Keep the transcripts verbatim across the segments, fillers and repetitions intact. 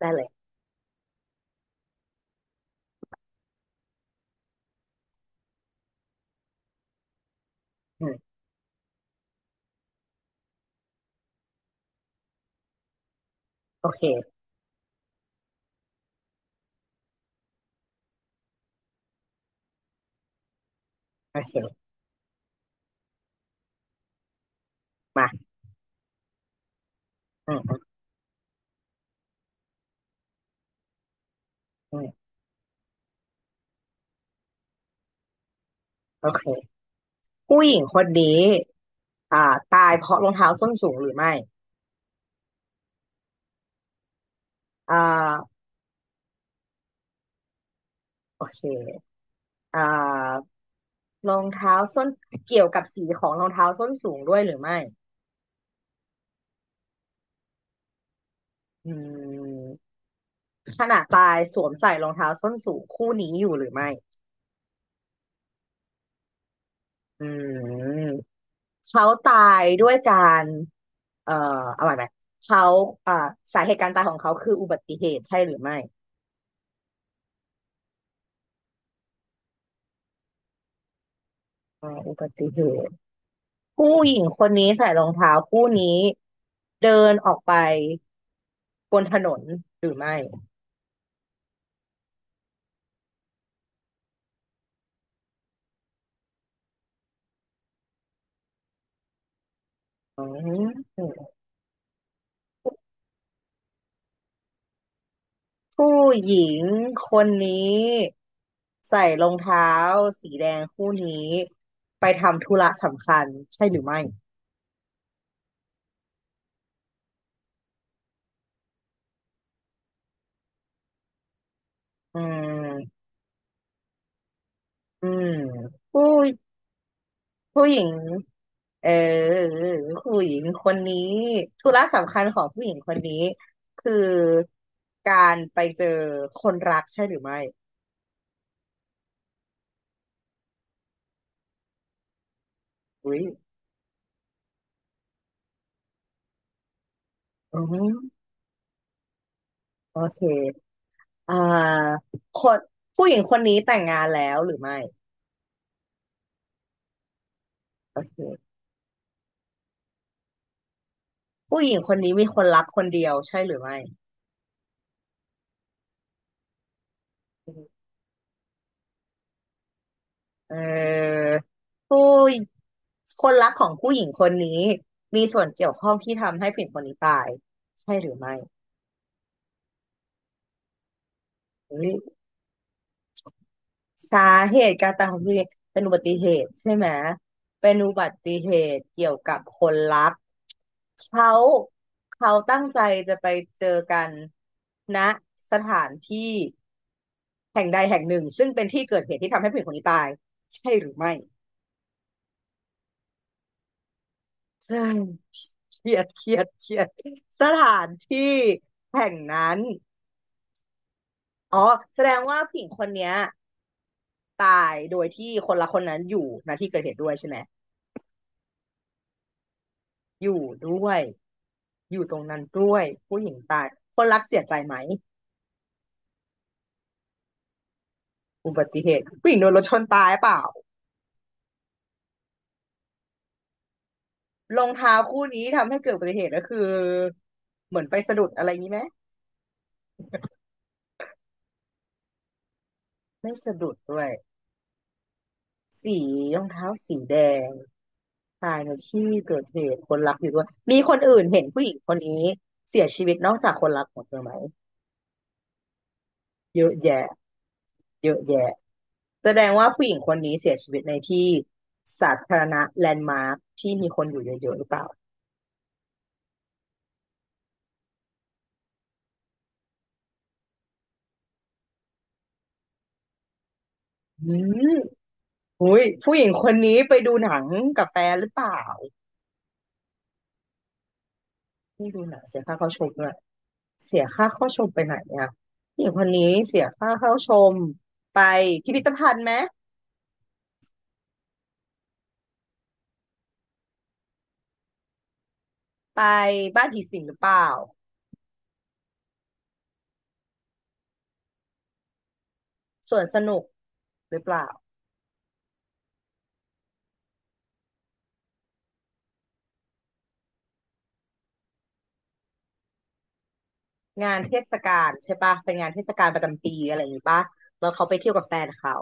ได้เลยอืมโอเคโอเคมาอืมอืมอืมโอเคผู้หญิงคนนี้อ่าตายเพราะรองเท้าส้นสูงหรือไม่อ่าโอเคอ่ารองเท้าส้นเกี่ยวกับสีของรองเท้าส้นสูงด้วยหรือไม่อืมขณะตายสวมใส่รองเท้าส้นสูงคู่นี้อยู่หรือไม่อืมเขาตายด้วยการเอ่อเอาใหม่ไหมเขาอ่าสาเหตุการตายของเขาคืออุบัติเหตุใช่หรือไม่อ่าอุบัติเหตุ ผู้หญิงคนนี้ใส่รองเท้าคู่นี้เดินออกไปบนถนนหรือไม่อืมผู้หญิงคนนี้ใส่รองเท้าสีแดงคู่นี้ไปทำธุระสำคัญใช่หรือไม่อืมอืมผู้ผู้หญิงเออผู้หญิงคนนี้ธุระสำคัญของผู้หญิงคนนี้คือการไปเจอคนรักใช่หรือไม่อุ้ย อืมโอเคอ่าคนผู้หญิงคนนี้แต่งงานแล้วหรือไม่โอเคผู้หญิงคนนี้มีคนรักคนเดียวใช่หรือไม่เอ่อผู้คนรักของผู้หญิงคนนี้มีส่วนเกี่ยวข้องที่ทำให้ผู้หญิงคนนี้ตายใช่หรือไม่เฮ้ย สาเหตุการตายของคุณเนี่ยเป็นอุบัติเหตุใช่ไหมเป็นอุบัติเหตุเกี่ยวกับคนรักเขาเขาตั้งใจจะไปเจอกันณสถานที่แห่งใดแห่งหนึ่งซึ่งเป็นที่เกิดเหตุที่ทำให้ผู้หญิงคนนี้ตายใช่หรือไม่ใช่เครียดเครียดเครียดสถานที่แห่งนั้นอ๋อแสดงว่าผู้หญิงคนเนี้ยตายโดยที่คนละคนนั้นอยู่ณที่เกิดเหตุด้วยใช่ไหมอยู่ด้วย อยู่ตรงนั้นด้วยผู้หญิงตายคนรักเสียใจไหมอุบัติเหตุผู้หญิงโดนรถชนตายเปล่ารองเท้าคู่นี้ทำให้เกิดอุบัติเหตุก็คือเหมือนไปสะดุดอะไรนี้ไหมไม่สะดุดด้วยสีรองเท้าสีแดงตายในที่เกิดเหตุคนรักอยู่ด้วยมีคนอื่นเห็นผู้หญิงคนนี้เสียชีวิตนอกจากคนรักของเธอไหมเยอะแยะเยอะแยะแสดงว่าผู้หญิงคนนี้เสียชีวิตในที่สาธารณะแลนด์มาร์คที่มีคนอยู่เยอะๆหรือเปล่าอืม อุ้ยผู้หญิงคนนี้ไปดูหนังกับแฟนหรือเปล่าที่ดูหนังเสียค่าเข้าชมด้วยเสียค่าเข้าชมไปไหนเนี่ยผู้หญิงคนนี้เสียค่าเข้าชมไปพิพิธภัณฑ์ไหมไปบ้านผีสิงหรือเปล่าสวนสนุกหรือเปล่างานเทศกาลใช่ปะเป็นงานเทศกาลประจำปีอะไรอย่างงี้ปะแล้วเขาไปเที่ยวกับแฟนเขา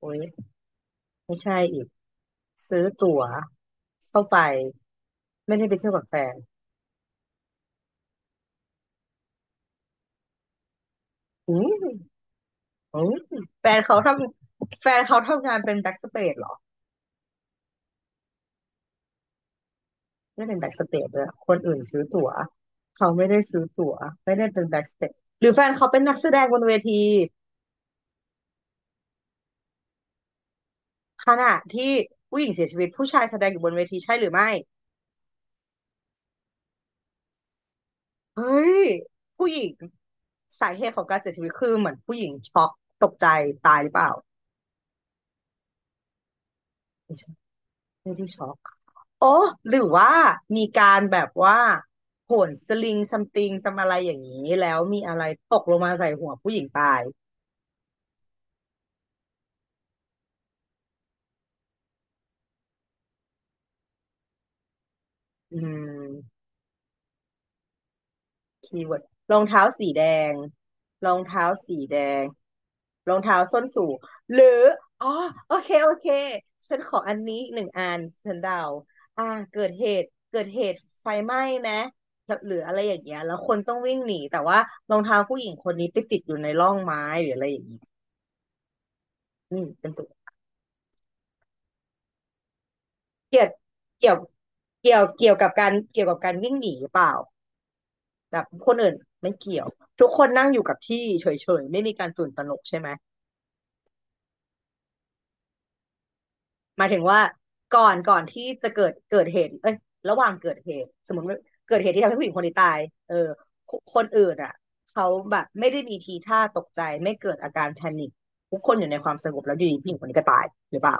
โอ้ยไม่ใช่อีกซื้อตั๋วเข้าไปไม่ได้ไปเที่ยวกับแฟนอืม อืมแฟนเขาทำแฟนเขาทำงานเป็นแบ็กสเตจเหรอไม่เป็นแบ็กสเตจเลยอะคนอื่นซื้อตั๋วเขาไม่ได้ซื้อตั๋วไม่ได้เป็นแบ็กสเตจหรือแฟนเขาเป็นนักแสดงบนเวทีขณะที่ผู้หญิงเสียชีวิตผู้ชายแสดงอยู่บนเวทีใช่หรือไม่เฮ้ยผู้หญิงสาเหตุของการเสียชีวิตคือเหมือนผู้หญิงช็อกตกใจตายหรือเปล่าไม่ได้ช็อก โอ้หรือว่ามีการแบบว่าโหนสลิงซัมติงซัมอะไรอย่างนี้แล้วมีอะไรตกลงมาใส่หัวผู้หญิงตายอืมคีย์เวิร์ดรองเท้าสีแดงรองเท้าสีแดงรองเท้าส้นสูงหรืออ๋อโอเคโอเคฉันขออันนี้หนึ่งอันฉันเดาอ่าเกิดเหตุเกิดเหตุไฟไหม้ไหมหรืออะไรอย่างเงี้ยแล้วคนต้องวิ่งหนีแต่ว่ารองเท้าผู้หญิงคนนี้ไปติดอยู่ในร่องไม้หรืออะไรอย่างงี้อืมเป็นตัว เกี่ยวเกี่ยวเกี่ยวเกี่ยวกับการเกี่ยวกับการวิ่งหนีหรือเปล่าแบบคนอื่นไม่เกี่ยวทุกคนนั่งอยู่กับที่เฉยๆไม่มีการตื่นตระหนกใช่ไหมหมายถึงว่าก่อนก่อนที่จะเกิดเกิดเหตุเอ้ยระหว่างเกิดเหตุสมมติว่าเกิดเหตุที่ทำให้ผู้หญิงคนนี้ตายเออคนคนอื่นอ่ะเขาแบบไม่ได้มีทีท่าตกใจไม่เกิดอาการแพนิคทุกคนอยู่ในความสงบแล้วอยู่ดีผู้หญิงคนนี้ก็ตายหรือเปล่า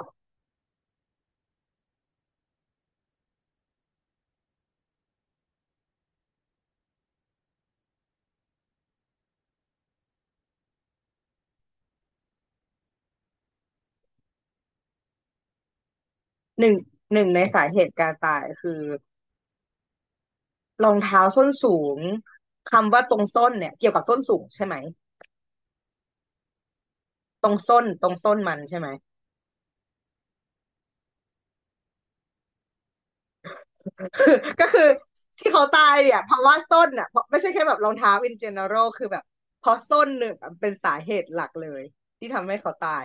หนึ่งหนึ่งในสาเหตุการตายคือ รองเท้าส้นสูงคำว่าตรงส้นเนี่ยเกี่ยวกับส้นสูงใช่ไหมตรงส้นตรงส้นมันใช่ไหม ก็คือที่เขาตายเนี่ยเพราะว่าส้นอ่ะเพราะไม่ใช่แค่แบบรองเท้า in general คือแบบเพราะส้นหนึ่งเป็นสาเหตุหลักเลยที่ทำให้เขาตาย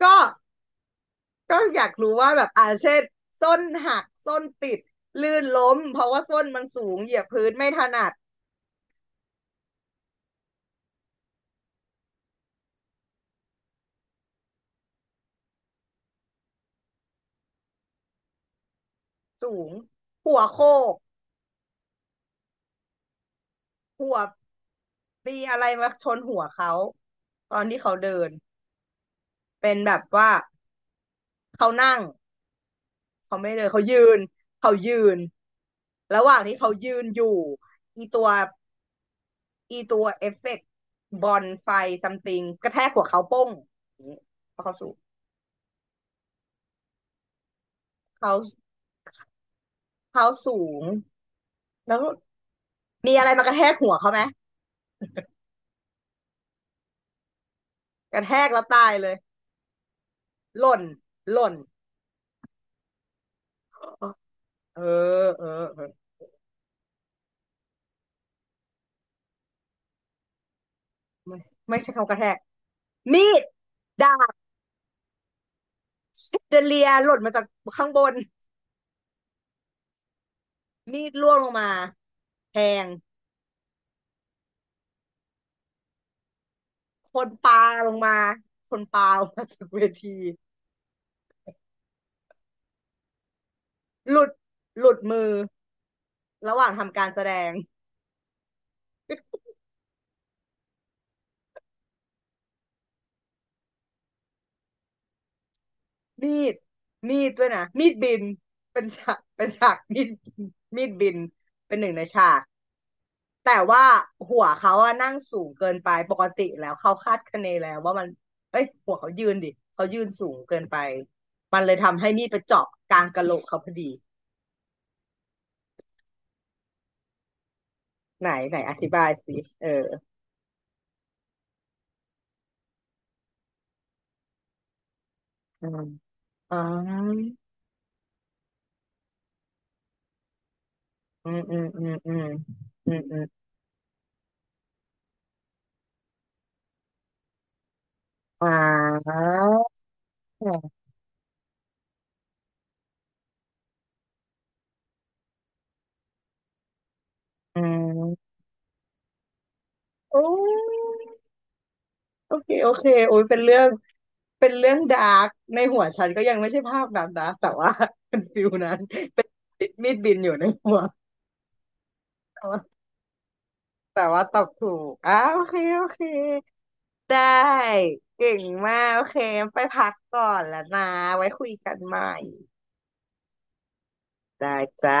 ก็ก็อยากรู้ว่าแบบอ่าเช่นส้นหักส้นติดลื่นล้มเพราะว่าส้นมันสูงเหยียบพื้นไม่ถนัดสูงหัวโขก ขวบตีอะไรมาชนหัวเขาตอนที่เขาเดินเป็นแบบว่าเขานั่งเขาไม่เดินเขายืนเขายืนระหว่างที่เขายืนอยู่อีตัวอีตัวเอฟเฟกต์บอลไฟซัมติงกระแทกหัวเขาโป้งอย่างนี้เพราะเขาสูงเขาเขาสูงแล้วมีอะไรมากระแทกหัวเขาไหมกระแทกแล้วตายเลยหล่นหล่นเออเออเออไม่ไม่ใช่คำกระแทกมีดดาบ แชเดเลียหล่นมาจากข้างบนมีดร่วงลงมาแทงคนปาลงมาคนปาลงมาจากเวทีหลุดหลุดมือระหว่างทำการแสดง มีดมีดด้วยนะมีดบินเป็นฉากเป็นฉากมีดมีดบินเป็นหนึ่งในฉากแต่ว่าหัวเขาอะนั่งสูงเกินไปปกติแล้วเขาคาดคะเนแล้วว่ามันเอ้ยหัวเขายืนดิเขายืนสูงเกินไปมันเลยทำให้มีดไปเจาะกลางกะโหลกเขาพอดี ไหนไหนอธิบายสิเอออืมอ๋ออืมอืมอืมอืมอืมอืมอ่าอืมโอ้ยโอเคโอเคโอ้ยเป็นเรื่องเป็นเรื่องดาร์กในหัวฉันก็ยังไม่ใช่ภาพนั้นนะแต่ว่า เป็นฟิลนั้นเป็นมีดบินอยู่ในหัวแต่ว่าแต่ว่าตอบถูกอ้าโอเคโอเคได้เก่งมากโอเคไปพักก่อนแล้วนะไว้คุยกันใหม่ได้จ้า